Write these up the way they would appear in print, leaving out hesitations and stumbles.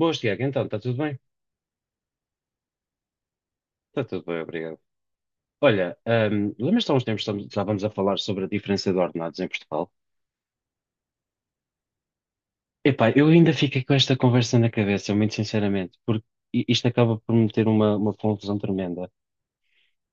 Boas, Tiago. Então, está tudo bem? Está tudo bem, obrigado. Olha, lembras-te há uns tempos que estávamos a falar sobre a diferença de ordenados em Portugal? Epá, eu ainda fiquei com esta conversa na cabeça, muito sinceramente, porque isto acaba por me ter uma confusão tremenda.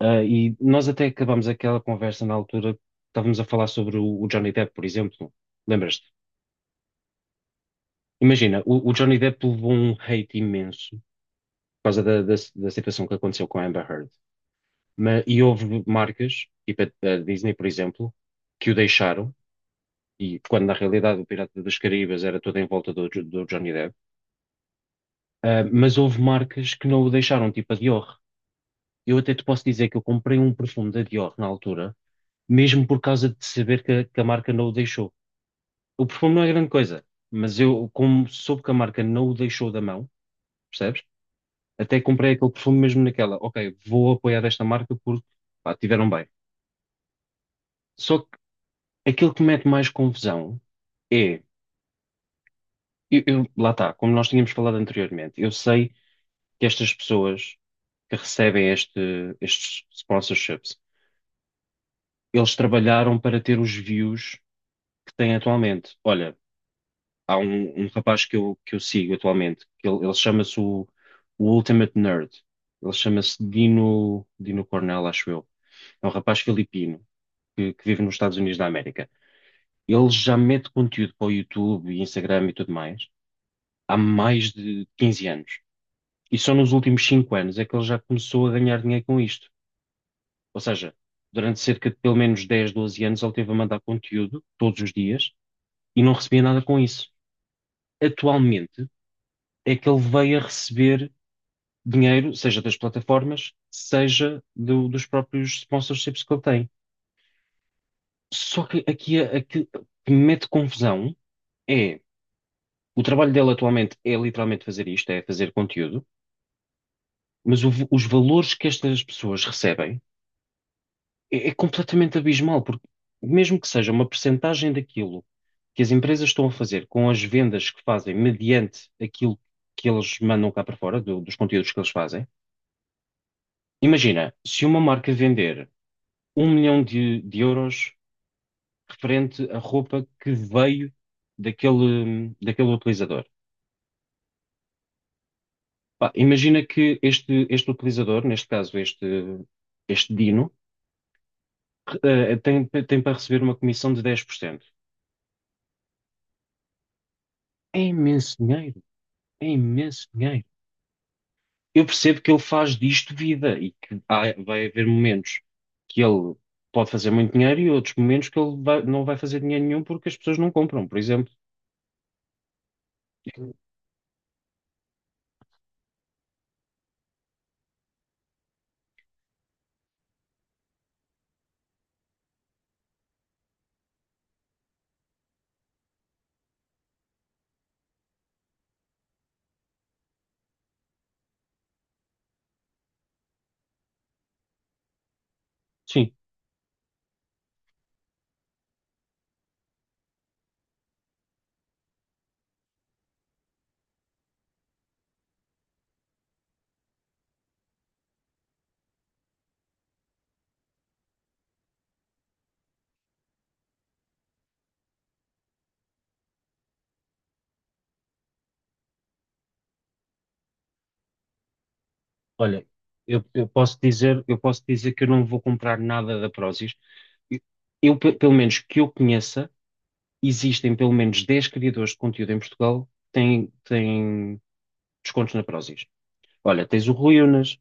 E nós até acabámos aquela conversa na altura que estávamos a falar sobre o Johnny Depp, por exemplo. Lembras-te? Imagina, o Johnny Depp levou um hate imenso por causa da situação que aconteceu com a Amber Heard. E houve marcas, tipo a Disney, por exemplo, que o deixaram, e quando na realidade o Pirata das Caraíbas era todo em volta do, do Johnny Depp. Ah, mas houve marcas que não o deixaram, tipo a Dior. Eu até te posso dizer que eu comprei um perfume da Dior na altura, mesmo por causa de saber a que a marca não o deixou. O perfume não é grande coisa, mas eu, como soube que a marca não o deixou da mão, percebes? Até comprei aquele perfume mesmo naquela, ok, vou apoiar esta marca porque, pá, tiveram bem. Só que aquilo que mete mais confusão é, lá está, como nós tínhamos falado anteriormente, eu sei que estas pessoas que recebem estes sponsorships, eles trabalharam para ter os views que têm atualmente. Olha, há um rapaz que eu sigo atualmente, ele chama-se o Ultimate Nerd. Ele chama-se Dino, Dino Cornell, acho eu. É um rapaz filipino que vive nos Estados Unidos da América. Ele já mete conteúdo para o YouTube e Instagram e tudo mais há mais de 15 anos. E só nos últimos 5 anos é que ele já começou a ganhar dinheiro com isto. Ou seja, durante cerca de pelo menos 10 doze anos ele teve a mandar conteúdo todos os dias e não recebia nada com isso. Atualmente é que ele veio a receber dinheiro, seja das plataformas, seja dos próprios sponsorships que ele tem. Só que aqui aqui o que me mete confusão é, o trabalho dele atualmente é literalmente fazer isto, é fazer conteúdo, mas os valores que estas pessoas recebem é completamente abismal, porque mesmo que seja uma percentagem daquilo que as empresas estão a fazer com as vendas que fazem mediante aquilo que eles mandam cá para fora, dos conteúdos que eles fazem, imagina, se uma marca vender um milhão de euros referente à roupa que veio daquele utilizador. Pá, imagina que este utilizador, neste caso este Dino, tem para receber uma comissão de 10%. É imenso dinheiro. É imenso dinheiro. Eu percebo que ele faz disto vida e que há- vai haver momentos que ele pode fazer muito dinheiro e outros momentos que ele vai- não vai fazer dinheiro nenhum porque as pessoas não compram, por exemplo. Sim, olha, eu posso dizer que eu não vou comprar nada da Prozis. Eu, Pelo menos que eu conheça, existem pelo menos 10 criadores de conteúdo em Portugal têm descontos na Prozis. Olha, tens o Rui Unas.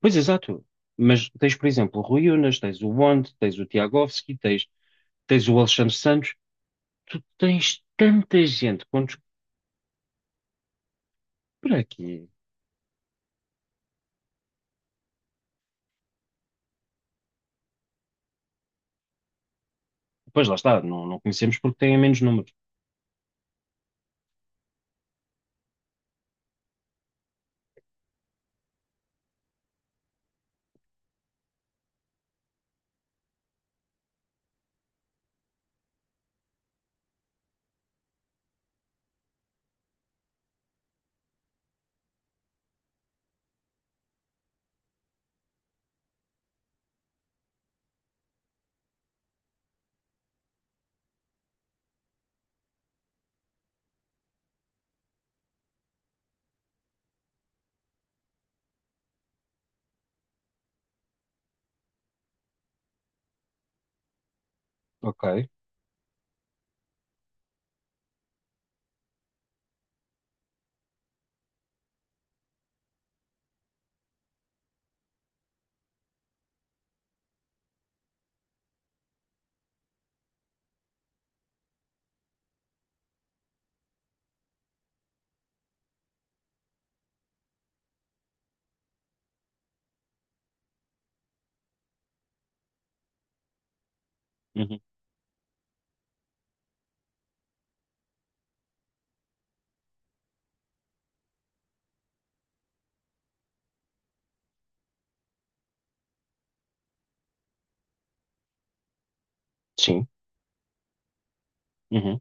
Pois, exato. Mas tens, por exemplo, o Rui Unas, tens o Wand, tens o Tiagovski, tens, tens o Alexandre Santos. Tu tens tanta gente quantos por aqui. Pois lá está, não conhecemos porque têm menos números. Ok. Uhum. Sim. Uhum.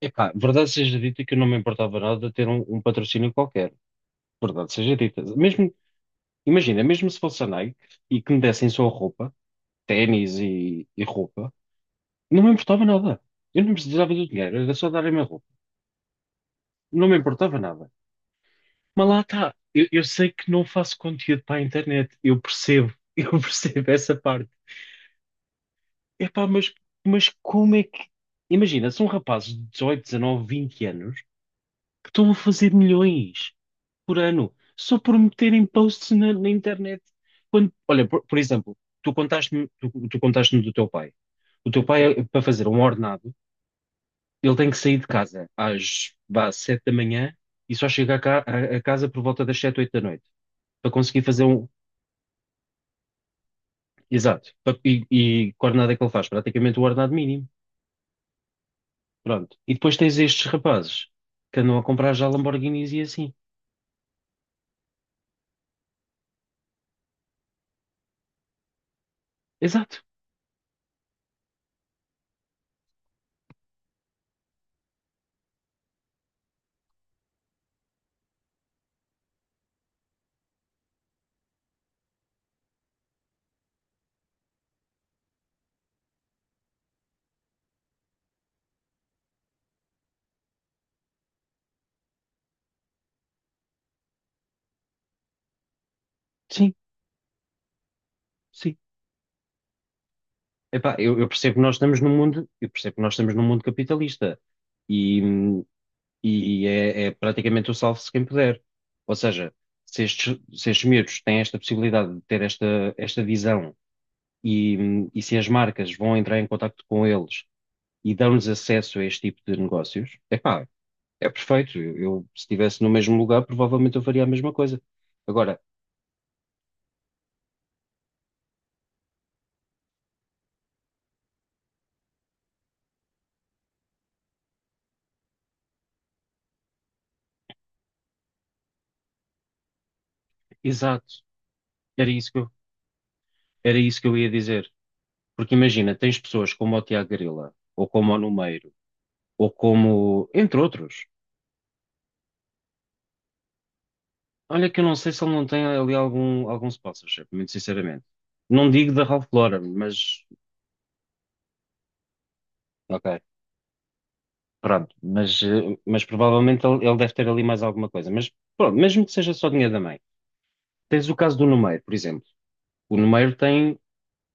Epá, verdade seja dita que eu não me importava nada de ter um patrocínio qualquer. Verdade seja dita. Mesmo, imagina, mesmo se fosse a Nike e que me dessem só roupa, ténis e roupa, não me importava nada. Eu não precisava do dinheiro, era só darem-me a roupa. Não me importava nada. Mas lá está. Eu sei que não faço conteúdo para a internet. Eu percebo. Eu percebo essa parte. Epá, mas como é que. Imagina, são rapazes de 18, 19 vinte anos que estão a fazer milhões por ano só por meterem posts na internet. Quando, olha, por exemplo, tu contaste-me do teu pai. O teu pai, para fazer um ordenado, ele tem que sair de casa às, vá, 7 da manhã e só chega a casa por volta das 7 oito da noite para conseguir fazer um. Exato. E que ordenado é que ele faz? Praticamente o ordenado mínimo. Pronto. E depois tens estes rapazes que andam a comprar já Lamborghinis e assim. Exato. Sim, sim. Epá, eu percebo que nós estamos num mundo, eu percebo que nós estamos num mundo capitalista e, hum, e é, é praticamente o salve-se quem puder. Ou seja, se estes, se estes miúdos têm esta possibilidade de ter esta visão e se as marcas vão entrar em contacto com eles e dão-lhes acesso a este tipo de negócios, epá, é perfeito. Se estivesse no mesmo lugar, provavelmente eu faria a mesma coisa. Agora, exato, era isso que eu, era isso que eu ia dizer. Porque imagina, tens pessoas como o Tiago Grila, ou como o Numeiro, ou como, entre outros. Olha que eu não sei se ele não tem ali algum sponsorship, muito sinceramente. Não digo da Ralph Lauren, mas, ok, pronto. Mas, eh, mas provavelmente ele deve ter ali mais alguma coisa. Mas pronto, mesmo que seja só dinheiro da mãe. Tens o caso do Numeiro, por exemplo. O Numeiro tem,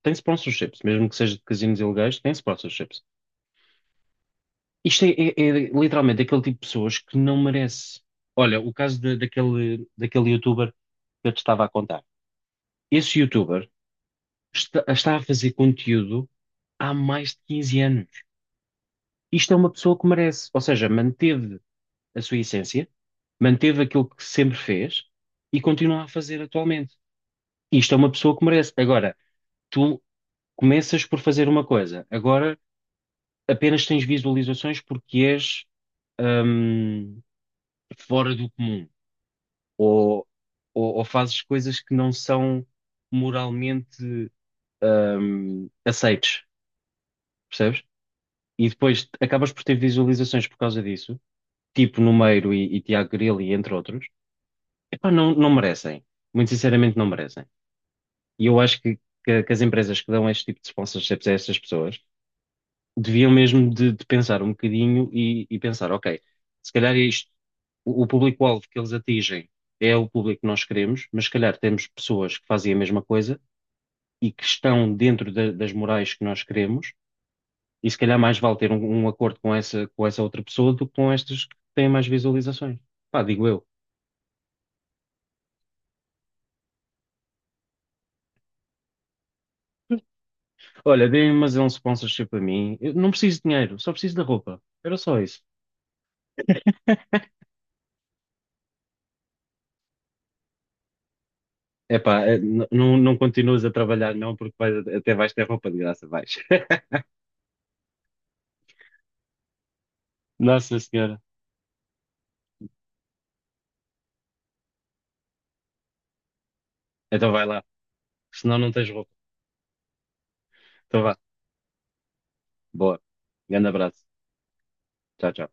tem sponsorships, mesmo que seja de casinos ilegais, tem sponsorships. Isto é, é literalmente aquele tipo de pessoas que não merece. Olha, o caso daquele youtuber que eu te estava a contar. Esse youtuber está a fazer conteúdo há mais de 15 anos. Isto é uma pessoa que merece, ou seja, manteve a sua essência, manteve aquilo que sempre fez e continua a fazer atualmente. Isto é uma pessoa que merece. Agora, tu começas por fazer uma coisa, agora apenas tens visualizações porque és, hum, fora do comum ou, ou fazes coisas que não são moralmente, aceites, percebes? E depois acabas por ter visualizações por causa disso, tipo Numeiro e Tiago Grilo, e entre outros. Epá, não merecem. Muito sinceramente, não merecem. E eu acho que as empresas que dão este tipo de sponsorships a estas pessoas deviam mesmo de pensar um bocadinho e pensar, ok, se calhar é isto, o público-alvo que eles atingem é o público que nós queremos, mas se calhar temos pessoas que fazem a mesma coisa e que estão dentro das morais que nós queremos, e se calhar mais vale ter um acordo com com essa outra pessoa do que com estas que têm mais visualizações. Pá, digo eu. Olha, deem-me mas é um sponsorship para mim. Eu não preciso de dinheiro, só preciso da roupa. Era só isso. Epá, não, não continuas a trabalhar, não, porque vais- até vais ter roupa de graça, vais. Nossa Senhora. Então vai lá. Senão não tens roupa. Então vá. Boa. Grande abraço. Tchau, tchau.